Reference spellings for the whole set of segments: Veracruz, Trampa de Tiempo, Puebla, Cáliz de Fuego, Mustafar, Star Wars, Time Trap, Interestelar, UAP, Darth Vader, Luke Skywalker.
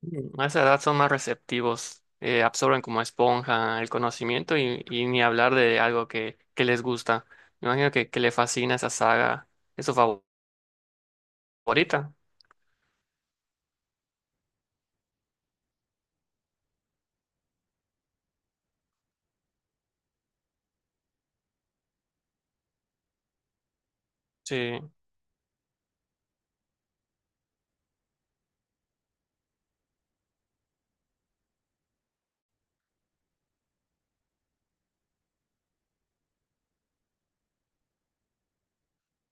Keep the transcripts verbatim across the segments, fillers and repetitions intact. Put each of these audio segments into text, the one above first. Mm, A esa edad son más receptivos, eh, absorben como esponja el conocimiento y, y ni hablar de algo que, que les gusta. Me imagino que, que le fascina esa saga, es su fav- favorita. Sí,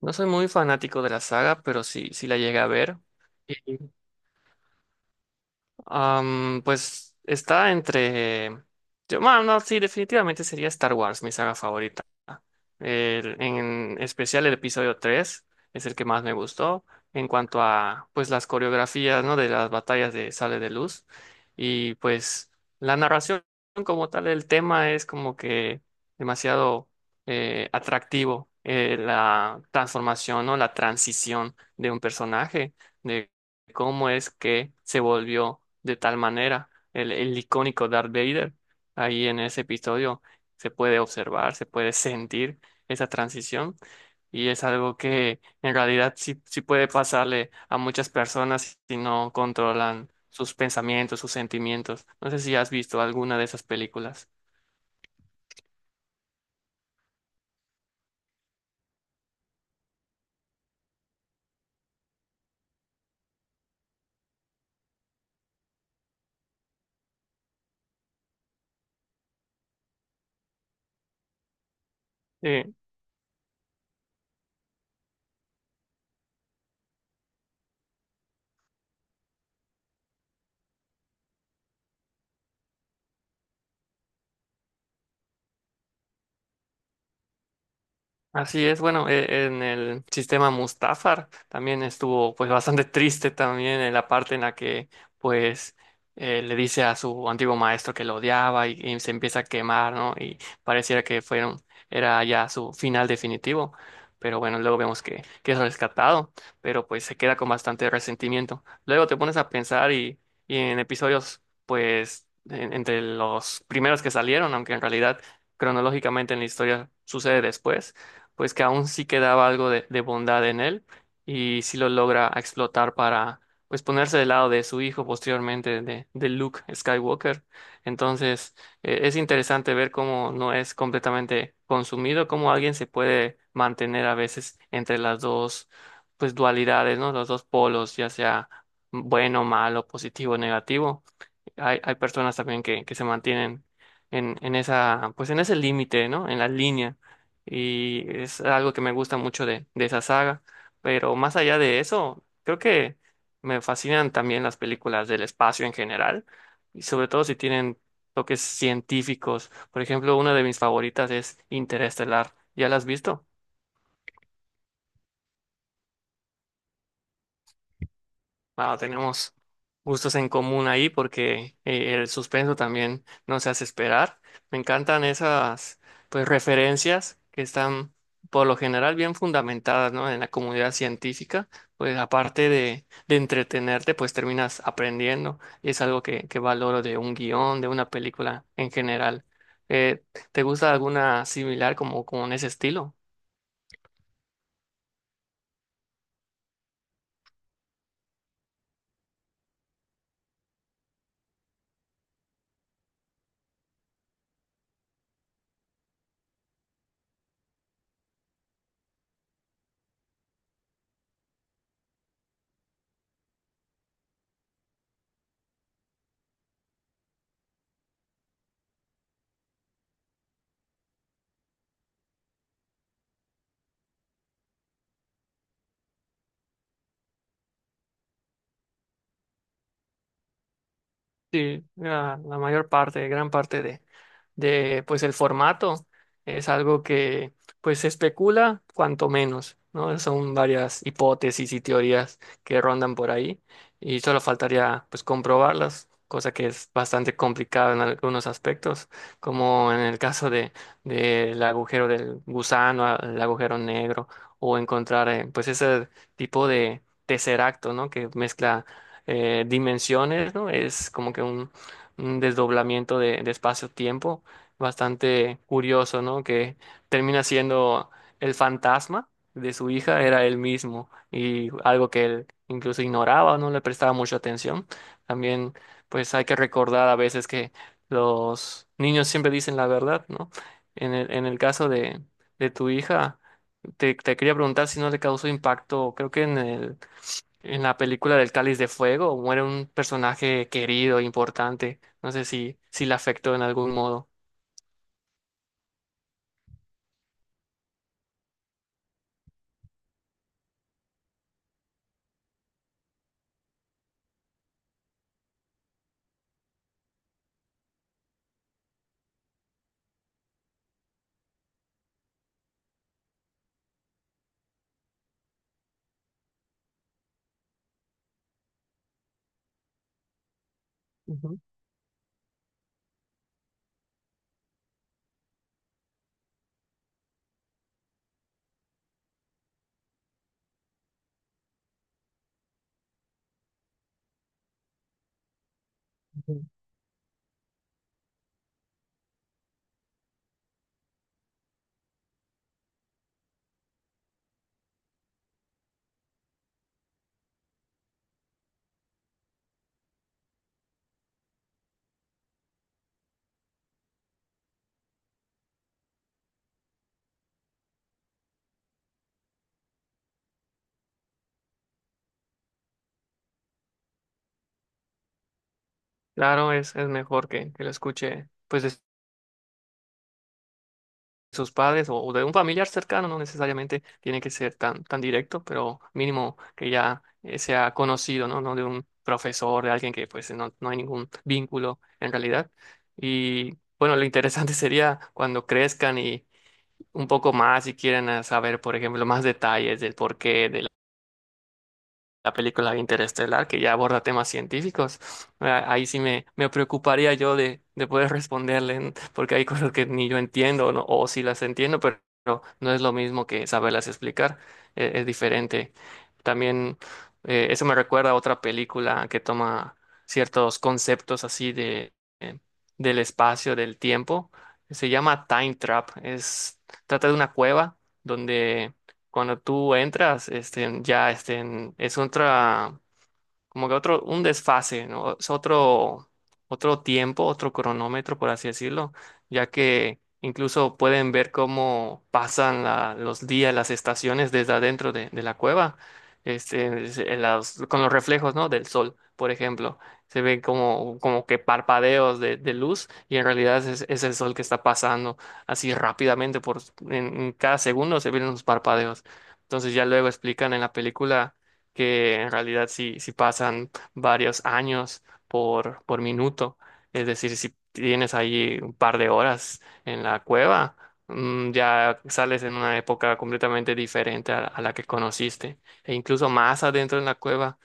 no soy muy fanático de la saga, pero sí, sí la llegué a ver. Am, pues está entre. Yo, ma, no, sí, definitivamente sería Star Wars, mi saga favorita. El- en especial el episodio tres es el que más me gustó en cuanto a pues las coreografías, ¿no? De las batallas de Sale de Luz. Y pues la narración como tal, el tema es como que demasiado eh, atractivo. Eh, la transformación, ¿no? La transición de un personaje cómo es que se volvió de tal manera el, el icónico Darth Vader. Ahí en ese episodio se puede observar, se puede sentir esa transición y es algo que en realidad sí, sí puede pasarle a muchas personas si no controlan sus pensamientos, sus sentimientos. No sé si has visto alguna de esas películas. Sí. Así es, bueno, e- en el sistema Mustafar también estuvo pues bastante triste también en la parte en la que pues eh, le dice a su antiguo maestro que lo odiaba y, y se empieza a quemar, ¿no? Y pareciera que fueron, era ya su final definitivo, pero bueno, luego vemos que, que es rescatado, pero pues se queda con bastante resentimiento. Luego te pones a pensar y, y en episodios pues en- entre los primeros que salieron, aunque en realidad cronológicamente en la historia sucede después pues que aún sí quedaba algo de, de bondad en él y sí lo logra explotar para pues ponerse del lado de su hijo posteriormente de, de Luke Skywalker. Entonces eh, es interesante ver cómo no es completamente consumido, cómo alguien se puede mantener a veces entre las dos pues dualidades, ¿no? Los dos polos, ya sea bueno, malo, positivo, negativo. Hay, hay personas también que, que se mantienen en, en esa, pues en ese límite, ¿no? En la línea. Y es algo que me gusta mucho de, de esa saga. Pero más allá de eso, creo que me fascinan también las películas del espacio en general. Y sobre todo si tienen toques científicos. Por ejemplo, una de mis favoritas es Interestelar. ¿Ya la has visto? Wow, tenemos gustos en común ahí porque eh, el suspenso también nos hace esperar. Me encantan esas pues referencias que están por lo general bien fundamentadas, ¿no? En la comunidad científica, pues aparte de, de entretenerte, pues terminas aprendiendo y es algo que, que valoro de un guión, de una película en general. Eh, ¿Te gusta alguna similar como, como en ese estilo? Sí, la, la mayor parte, gran parte de, de pues el formato es algo que pues se especula cuanto menos, ¿no? Son varias hipótesis y teorías que rondan por ahí y solo faltaría pues comprobarlas, cosa que es bastante complicada en algunos aspectos, como en el caso de del agujero del gusano, el agujero negro o encontrar eh, pues ese tipo de tesseracto, ¿no? Que mezcla eh, dimensiones, ¿no? Es como que un, un desdoblamiento de, de espacio-tiempo bastante curioso, ¿no? Que termina siendo el fantasma de su hija, era él mismo, y algo que él incluso ignoraba, no le prestaba mucha atención. También, pues hay que recordar a veces que los niños siempre dicen la verdad, ¿no? En el, en el caso de, de tu hija, te, te quería preguntar si no le causó impacto, creo que en el en la película del Cáliz de Fuego muere un personaje querido, importante. No sé si, si le afectó en algún modo. Ujú, ujú. Claro, es, es mejor que, que lo escuche pues de sus padres o, o de un familiar cercano, no necesariamente tiene que ser tan, tan directo, pero mínimo que ya eh, sea conocido, ¿no? No de un profesor, de alguien que pues no, no hay ningún vínculo en realidad. Y bueno, lo interesante sería cuando crezcan y un poco más y quieran eh, saber, por ejemplo, más detalles del porqué, de la película Interestelar, que ya aborda temas científicos. A- Ahí sí me, me, preocuparía yo de, de poder responderle, n- porque hay cosas que ni yo entiendo, ¿no? O sí las entiendo, pero no, no es lo mismo que saberlas explicar, e- es, diferente. También eh, eso me recuerda a otra película que toma ciertos conceptos así de, eh, del espacio, del tiempo. Se llama Time Trap. Es, trata de una cueva donde cuando tú entras, este, ya este, es otra como que otro, un desfase, ¿no? Es otro, otro tiempo, otro cronómetro, por así decirlo, ya que incluso pueden ver cómo pasan la- los días, las estaciones desde adentro de, de la cueva, este, es- en las- con los reflejos, ¿no? Del sol, por ejemplo. Se ven como, como que parpadeos de, de luz y en realidad es, es el sol que está pasando así rápidamente por en, en cada segundo se ven unos parpadeos. Entonces ya luego explican en la película que en realidad si si pasan varios años por, por minuto. Es decir, si tienes ahí un par de horas en la cueva, mm, ya sales en una época completamente diferente a, a la que conociste. E incluso más adentro en la cueva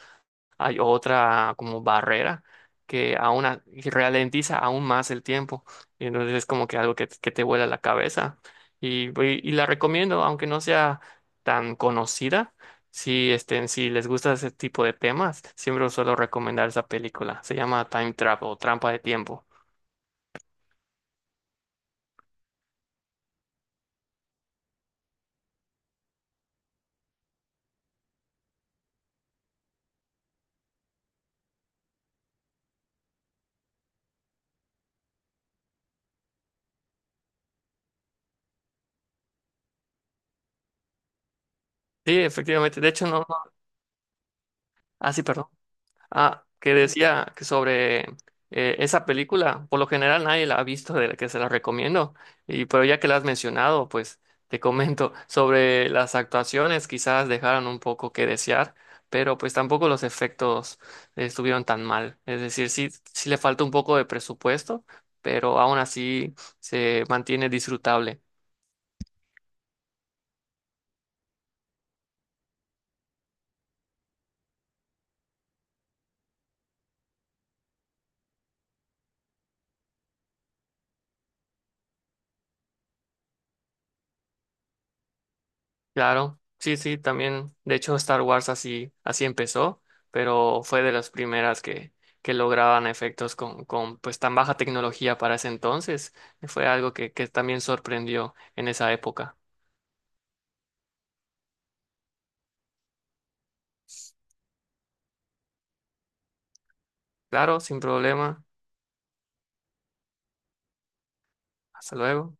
hay otra como barrera que aún a- que ralentiza aún más el tiempo. Y entonces es como que algo que, que te vuela la cabeza. Y, y- y la recomiendo, aunque no sea tan conocida, si, este, si les gusta ese tipo de temas, siempre os suelo recomendar esa película. Se llama Time Trap o Trampa de Tiempo. Sí, efectivamente. De hecho, no, no. Ah, sí, perdón. Ah, que decía que sobre eh, esa película, por lo general nadie la ha visto de la que se la recomiendo, y pero ya que la has mencionado, pues te comento sobre las actuaciones, quizás dejaron un poco que desear, pero pues tampoco los efectos estuvieron tan mal. Es decir, sí, sí le falta un poco de presupuesto, pero aún así se mantiene disfrutable. Claro, sí, sí, también. De hecho, Star Wars así, así empezó, pero fue de las primeras que, que lograban efectos con, con pues tan baja tecnología para ese entonces. Fue algo que, que también sorprendió en esa época. Claro, sin problema. Hasta luego.